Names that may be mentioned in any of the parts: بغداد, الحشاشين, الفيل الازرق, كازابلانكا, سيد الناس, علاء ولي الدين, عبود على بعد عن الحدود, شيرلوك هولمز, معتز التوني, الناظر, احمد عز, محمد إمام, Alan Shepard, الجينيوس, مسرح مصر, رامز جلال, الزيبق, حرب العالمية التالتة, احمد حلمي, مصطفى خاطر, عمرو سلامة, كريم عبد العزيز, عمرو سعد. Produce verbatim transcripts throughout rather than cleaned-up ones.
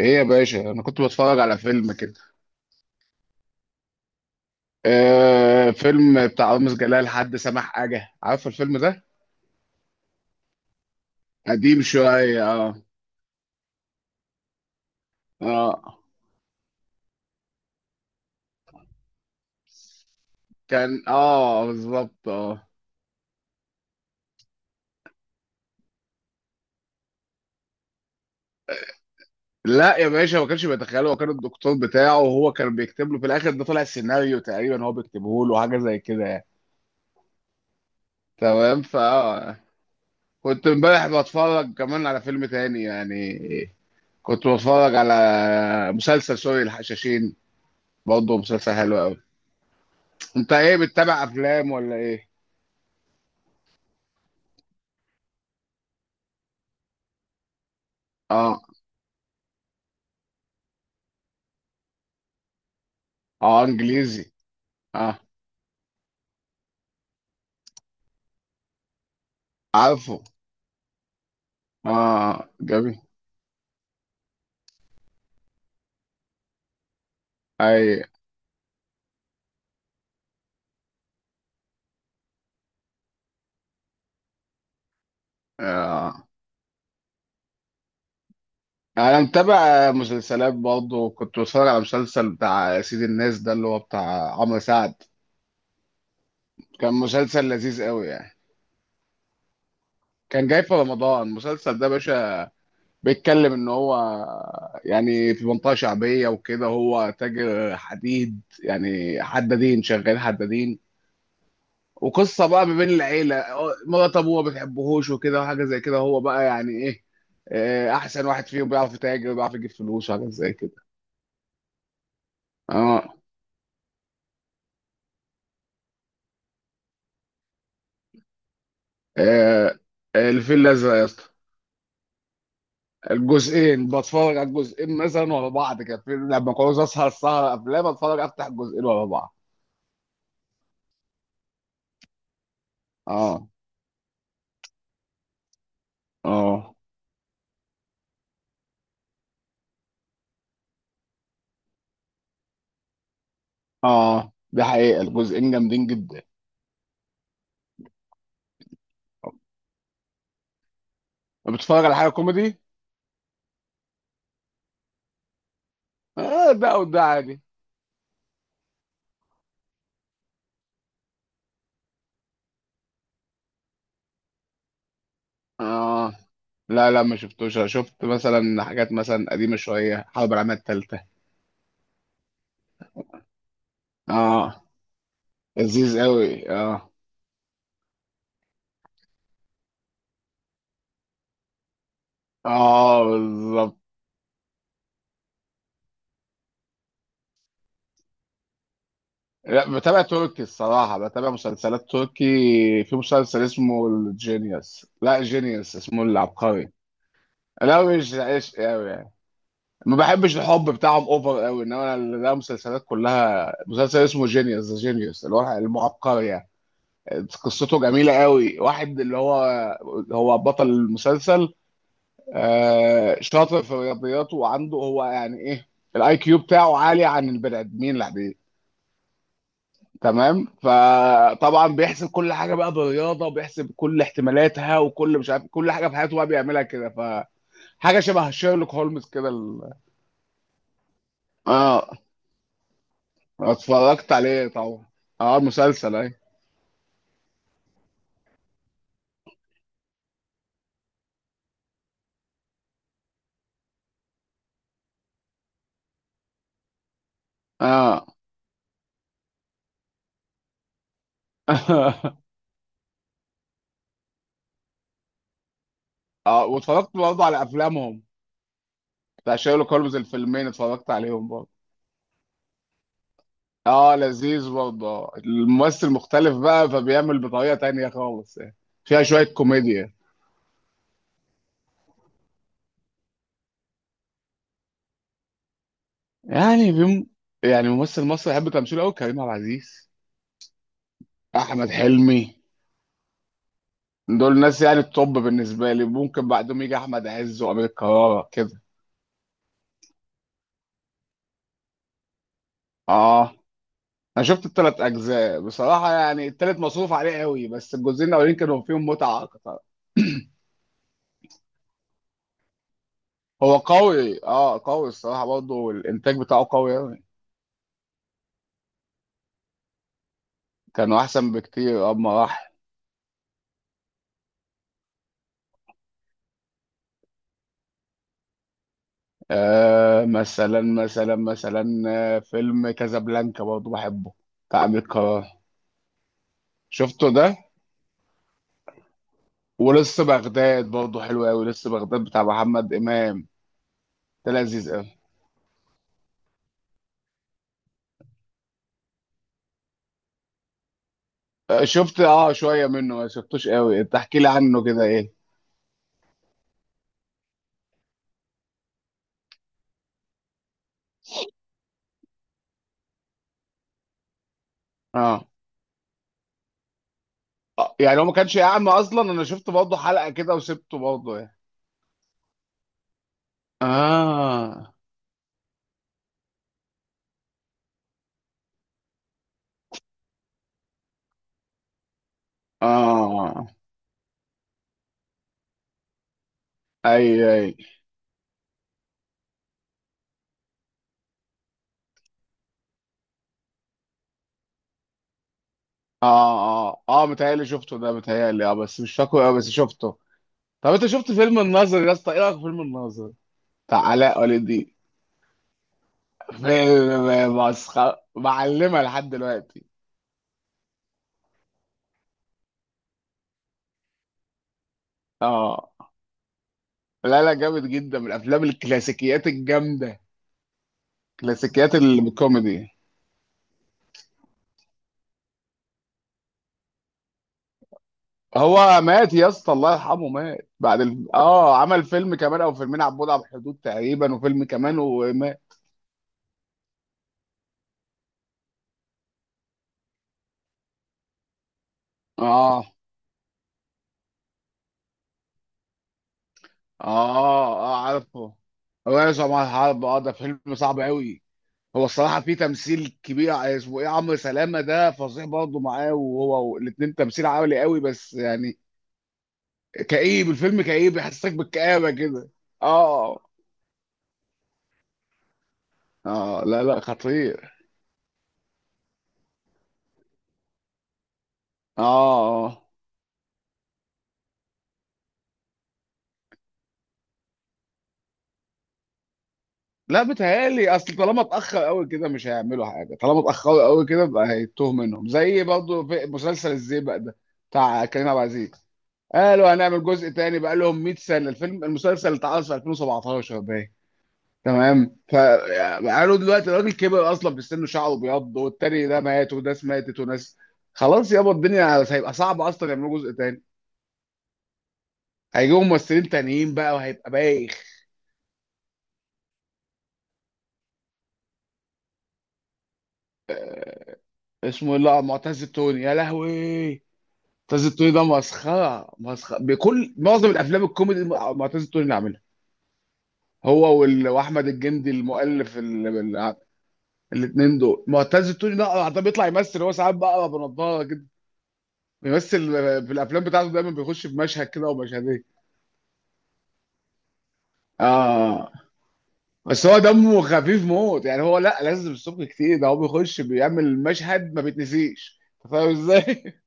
ايه يا باشا، انا كنت بتفرج على فيلم كده. آه، فيلم بتاع رامز جلال، حد سمح حاجه، عارف الفيلم ده؟ قديم شويه، اه اه. كان اه بالظبط، اه. لا يا باشا، ما كانش بيتخيله، هو كان الدكتور بتاعه، وهو كان بيكتب له في الاخر. ده طلع السيناريو تقريبا هو بيكتبه له، حاجه زي كده يعني. تمام فا كنت امبارح بتفرج كمان على فيلم تاني يعني، كنت بتفرج على مسلسل سوري، الحشاشين، برضه مسلسل حلو قوي. انت ايه، بتتابع افلام ولا ايه؟ اه اه، انجليزي. اه، عارفه. اه، جميل. اي، آه. انا متابع مسلسلات برضه، كنت بتفرج على مسلسل بتاع سيد الناس ده اللي هو بتاع عمرو سعد. كان مسلسل لذيذ قوي يعني. كان جاي في رمضان المسلسل ده يا باشا. بيتكلم ان هو يعني في منطقة شعبية وكده، هو تاجر حديد يعني، حدادين، شغال حدادين. وقصه بقى ما بين العيله، مرات ابوه ما بتحبهوش وكده، وحاجه زي كده. هو بقى يعني ايه، آه، احسن واحد فيهم، بيعرف يتاجر، بيعرف يجيب فلوس وحاجات زي كده. اه، آه، الفيل الازرق يا اسطى. الجزئين، بتفرج على الجزئين مثلا ورا بعض كده، في- لما كنت اسهر سهره افلام اتفرج، افتح الجزئين ورا بعض. اه. اه. اه دي حقيقه، الجزئين جامدين جدا. بتتفرج على حاجه كوميدي؟ اه، ده وده عادي. اه لا لا، ما شفتوش. أنا شفت مثلا حاجات مثلا قديمة شوية، حرب العالمية التالتة. اه، لذيذ قوي اه. اه بالظبط. لا، بتابع تركي الصراحة، بتابع مسلسلات تركي. في مسلسل اسمه الجينيوس، لا جينيوس، اسمه العبقري. لا مش عيش قوي يعني، ما بحبش الحب بتاعهم اوفر قوي، انما أنا- لا، مسلسلات كلها، مسلسل اسمه جينيوس، ذا جينيوس، اللي هو المعبقري يعني. قصته جميلة قوي، واحد اللي هو هو بطل المسلسل. آه، شاطر في الرياضيات، وعنده هو يعني ايه، الاي كيو بتاعه عالي عن البني ادمين العاديين. تمام، فطبعا بيحسب كل حاجه بقى بالرياضه، وبيحسب كل احتمالاتها، وكل مش عارف، كل حاجه في حياته بقى بيعملها كده. فحاجه شبه شيرلوك هولمز كده ال... اه. اتفرجت عليه طبعا. اه، المسلسل، اي. اه. اه، واتفرجت برضه على افلامهم، بتاع شيرلوك هولمز، الفيلمين اتفرجت عليهم برضه. اه، لذيذ برضه، آه. الممثل مختلف بقى، فبيعمل بطريقة تانية خالص يعني، فيها شوية كوميديا. يعني بيم... يعني ممثل مصري يحب تمثيله قوي، كريم عبد العزيز، احمد حلمي. دول ناس يعني التوب بالنسبة لي. ممكن بعدهم يجي احمد عز وامير كرارة كده. اه، انا شفت الثلاث اجزاء بصراحة يعني، الثالث مصروف عليه قوي، بس الجزئين الاولين كانوا فيهم متعة اكتر. هو قوي، اه قوي الصراحة برضه، والانتاج بتاعه قوي قوي. كانوا احسن بكتير، اما راح. آه، مثلا مثلا مثلا، آه، فيلم كازابلانكا برضه بحبه، بتاع أمير كرارة، شفته ده؟ ولسه بغداد برضه حلو قوي، لسه بغداد بتاع محمد إمام. ده لذيذ قوي. آه شفت، اه شوية منه، ما شفتوش قوي. انت احكي لي عنه كده، ايه؟ اه آه، يعني هو ما كانش يعمى اصلا؟ انا شفت برضه حلقة كده وسبته برضه يعني. اه اه، اي اي. اه اه اه، متهيألي شفته ده متهيألي، اه بس مش فاكره قوي، بس شفته. طب انت شفت فيلم الناظر يا اسطى؟ ايه رايك في فيلم الناظر بتاع علاء ولي الدين؟ فيلم مسخره، معلمه لحد دلوقتي. اه لا لا، جامد جدا، من الافلام الكلاسيكيات الجامده، كلاسيكيات الكوميدي. هو مات يا اسطى، الله يرحمه، مات بعد ال... اه، عمل فيلم كمان او فيلمين، عبود على بعد عن الحدود تقريبا، وفيلم كمان ومات. اه اه. اه، عارفه. هو يا جماعه، الحرب، اه ده فيلم صعب قوي. هو الصراحة في تمثيل كبير، اسمه ايه، عمرو سلامة ده فظيع برضه معاه، وهو الاتنين تمثيل عالي قوي، بس يعني كئيب، الفيلم كئيب، يحسسك بالكآبة كده. اه اه، لا لا خطير. اه اه. لا بتهيألي، اصل طالما اتأخر قوي كده، مش هيعملوا حاجة. طالما اتأخروا قوي كده بقى، هيتوه منهم، زي برضه في مسلسل الزيبق ده بتاع كريم عبد العزيز. قالوا هنعمل جزء تاني، بقى لهم مية سنة، الفيلم، المسلسل اتعرض في ألفين وسبعة عشر باين. تمام، فقالوا دلوقتي الراجل كبر اصلا في سنه، شعره بيض، والتاني ده مات، وناس ماتت وناس. خلاص يابا الدنيا، هيبقى صعب اصلا يعملوا جزء تاني. هيجيبوا ممثلين تانيين بقى، وهيبقى بايخ. اسمه إيه؟ لا، معتز التوني يا لهوي. معتز التوني ده مسخره، مسخره بكل معظم الافلام الكوميدي، معتز التوني اللي عاملها. هو وال- واحمد الجندي المؤلف، ال- ال- الاتنين دول. معتز التوني ده، ده بيطلع يمثل هو ساعات بقى، بنضاره كده، بيمثل في الافلام بتاعته دايما، بيخش في مشهد كده او مشهدين. اه، بس هو دمه خفيف موت يعني، هو لا لازم الصبح كتير، ده هو بيخش بيعمل مشهد ما بيتنسيش، أنت فاهم ازاي؟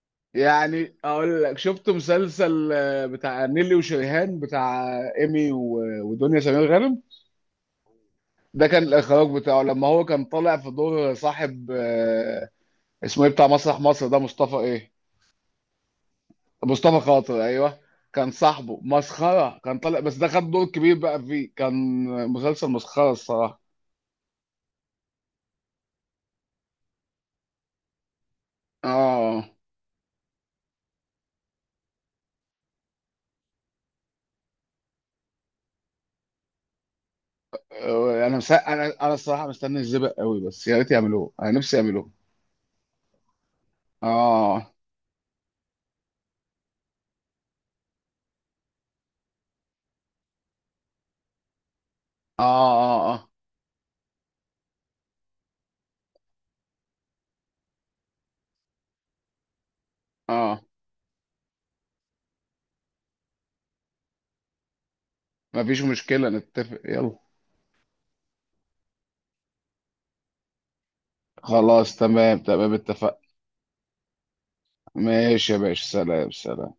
يعني اقول لك، شفت مسلسل آه، بتاع نيلي وشريهان، بتاع ايمي و- ودنيا سمير غانم. ده كان الاخراج بتاعه. لما هو كان طالع في دور صاحب، آه، اسمه ايه، بتاع مسرح مصر ده، مصطفى ايه؟ مصطفى خاطر، ايوه. كان صاحبه مسخره، كان طالع بس، ده خد دور كبير بقى فيه. كان مسلسل مسخره الصراحه. اه آه، انا مس... انا انا الصراحه مستني الزبق قوي، بس يا ريت يعملوه، انا نفسي يعملوه. اه اه اه اه اه. مفيش مشكله، نتفق يلا. خلاص تمام تمام، اتفق. ماشي يا باشا، سلام سلام.